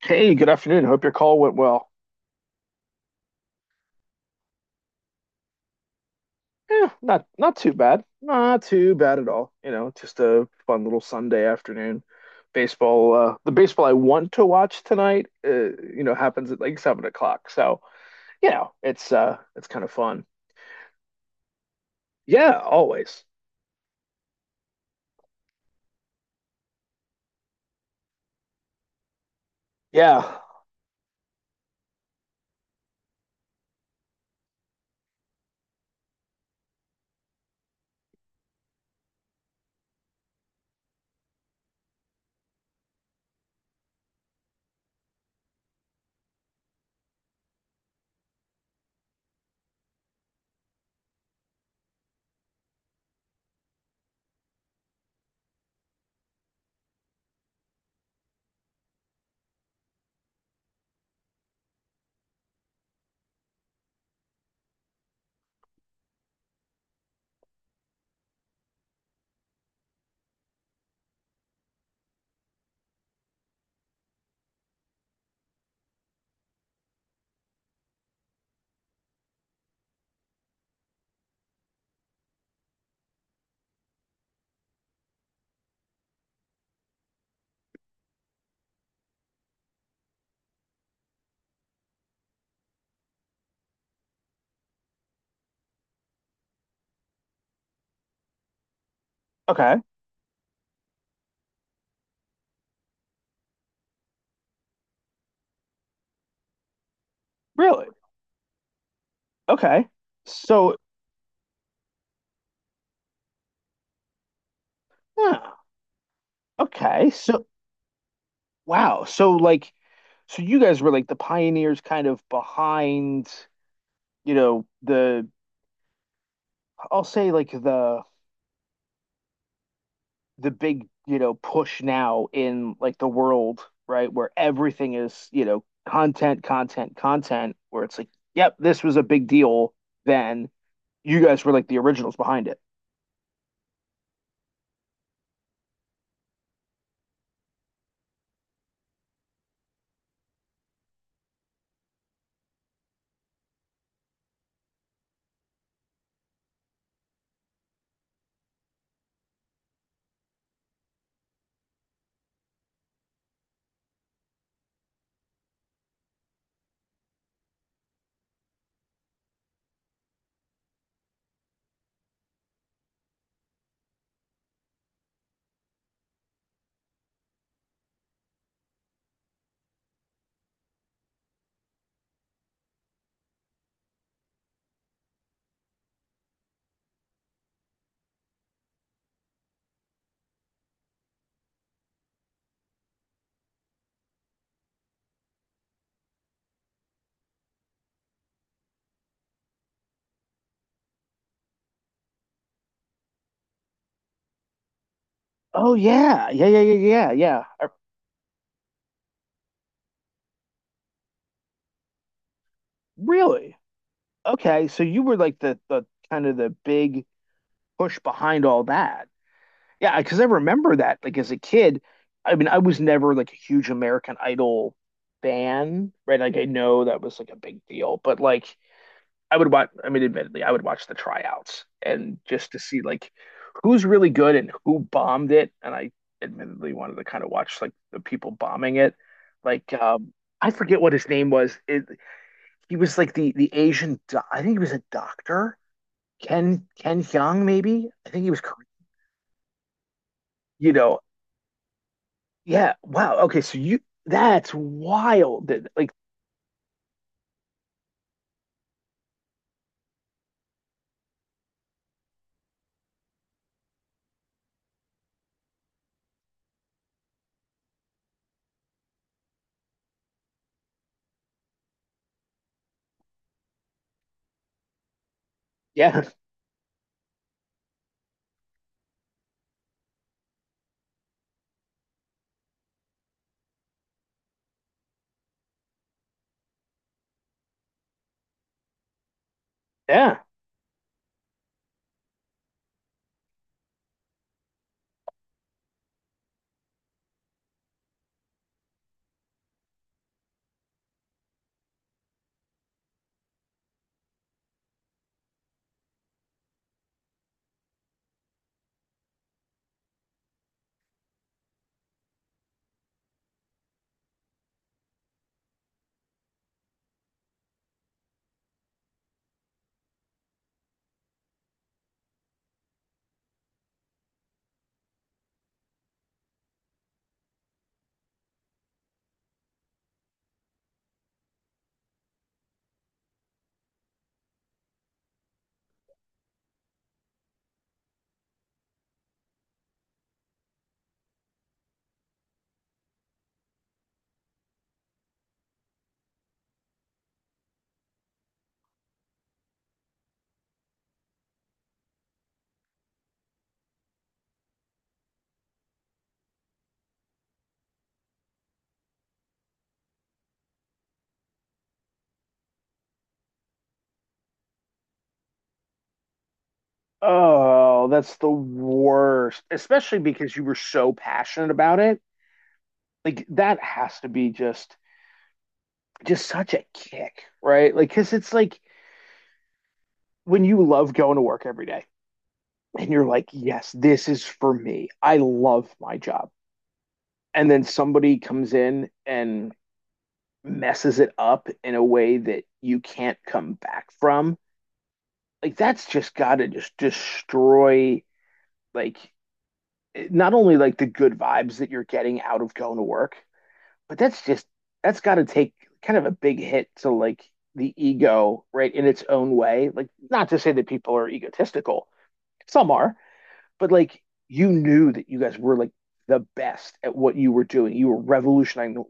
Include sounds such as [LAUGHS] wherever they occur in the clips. Hey, good afternoon. Hope your call went well. Yeah, not too bad. Not too bad at all. You know, just a fun little Sunday afternoon. Baseball, the baseball I want to watch tonight, you know, happens at like 7 o'clock. So, you know, it's kind of fun. Yeah, always. Yeah. Okay. Really? Okay. So, yeah. Okay. So, wow. So like so you guys were like the pioneers kind of behind, you know, the I'll say like the big, you know, push now in like the world, right? Where everything is, you know, content, content, content, where it's like, yep, this was a big deal then. You guys were like the originals behind it. Oh yeah. Yeah, yeah, yeah, yeah, yeah. Really? Okay, so you were like the kind of the big push behind all that. Yeah, because I remember that like as a kid, I mean, I was never like a huge American Idol fan, right? Like I know that was like a big deal, but like I would watch. I mean, admittedly, I would watch the tryouts and just to see like who's really good and who bombed it. And I admittedly wanted to kind of watch like the people bombing it. Like I forget what his name was. It, he was like the Asian. I think he was a doctor. Ken Hyung maybe. I think he was. Korean. You know. Yeah. Wow. Okay. So you that's wild. That- Like yeah yeah. Oh, that's the worst. Especially because you were so passionate about it like that has to be just such a kick, right? Like cuz it's like when you love going to work every day and you're like, "Yes, this is for me. I love my job." And then somebody comes in and messes it up in a way that you can't come back from. Like that's just got to just destroy like not only like the good vibes that you're getting out of going to work, but that's got to take kind of a big hit to like the ego, right, in its own way. Like, not to say that people are egotistical, some are, but like you knew that you guys were like the best at what you were doing. You were revolutionizing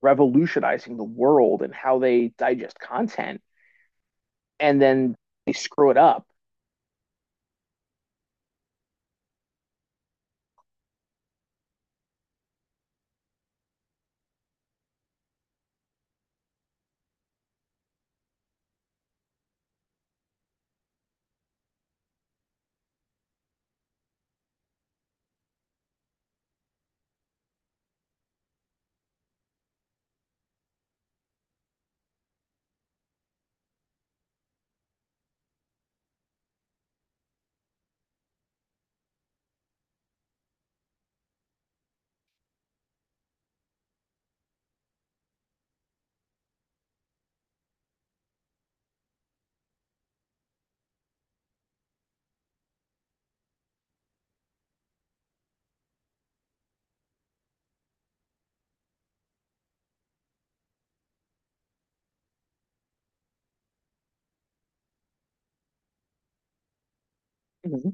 revolutionizing the world and how they digest content, and then they screw it up. Mhm.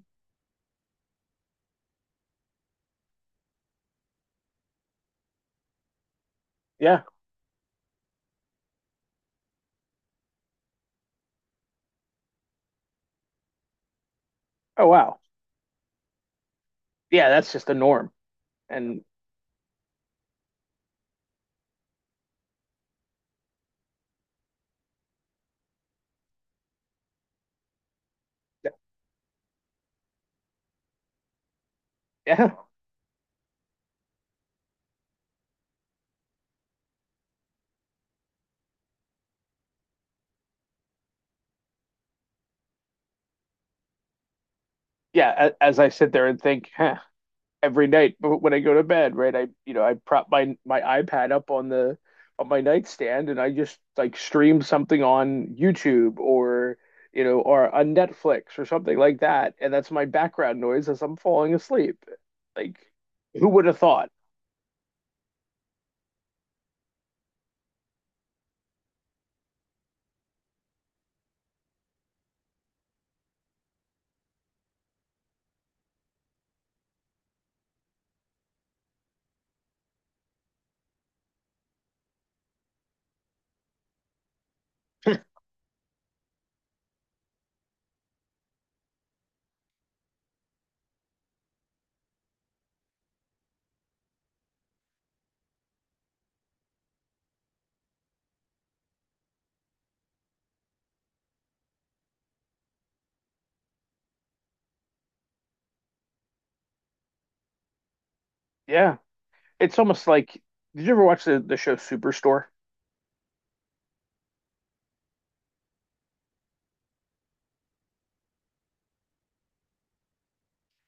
Yeah. Oh wow. Yeah, that's just the norm. And [LAUGHS] yeah, yeah. As I sit there and think, huh, every night when I go to bed, right? I you know I prop my iPad up on the on my nightstand and I just like stream something on YouTube or you know or on Netflix or something like that, and that's my background noise as I'm falling asleep. Like, who would have thought? Yeah, it's almost like did you ever watch the show Superstore?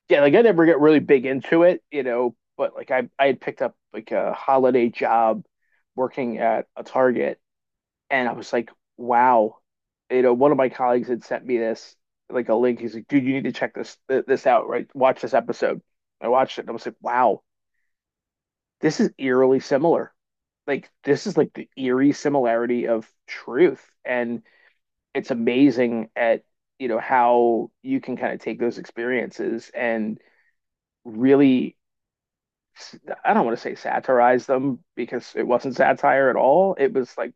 Yeah, like I never get really big into it, you know, but like I had picked up like a holiday job working at a Target. And I was like, wow. You know, one of my colleagues had sent me this, like a link. He's like, dude, you need to check this out, right? Watch this episode. I watched it and I was like, wow, this is eerily similar. Like this is like the eerie similarity of truth. And it's amazing at, you know, how you can kind of take those experiences and really I don't want to say satirize them because it wasn't satire at all. It was like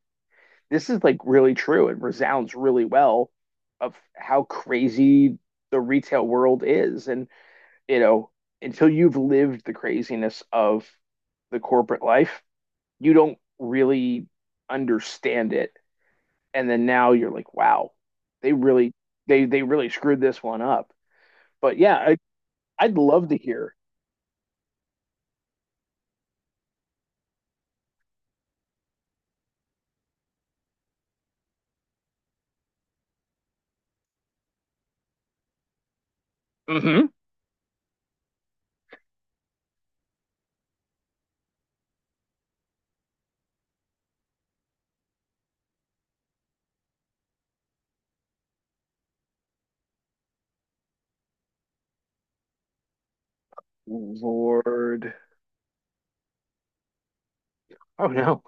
this is like really true and resounds really well of how crazy the retail world is. And, you know, until you've lived the craziness of the corporate life, you don't really understand it. And then now you're like, wow, they really they really screwed this one up. But yeah, I'd love to hear. Hmm. Lord. Oh no.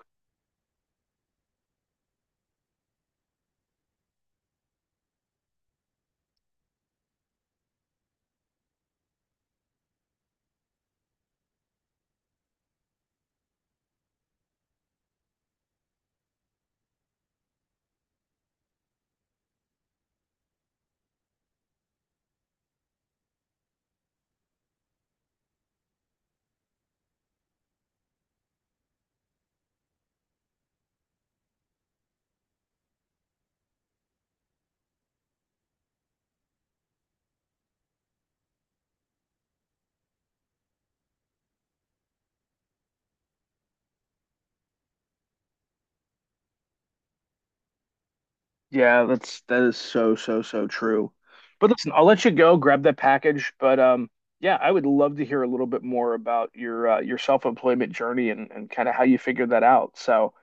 Yeah, that's that is so so so true. But listen, I'll let you go grab that package. But yeah, I would love to hear a little bit more about your self-employment journey and kind of how you figured that out. So,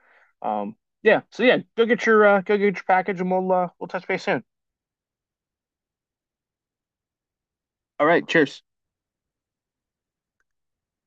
um, yeah, so yeah, go get your package, and we'll touch base soon. All right, cheers.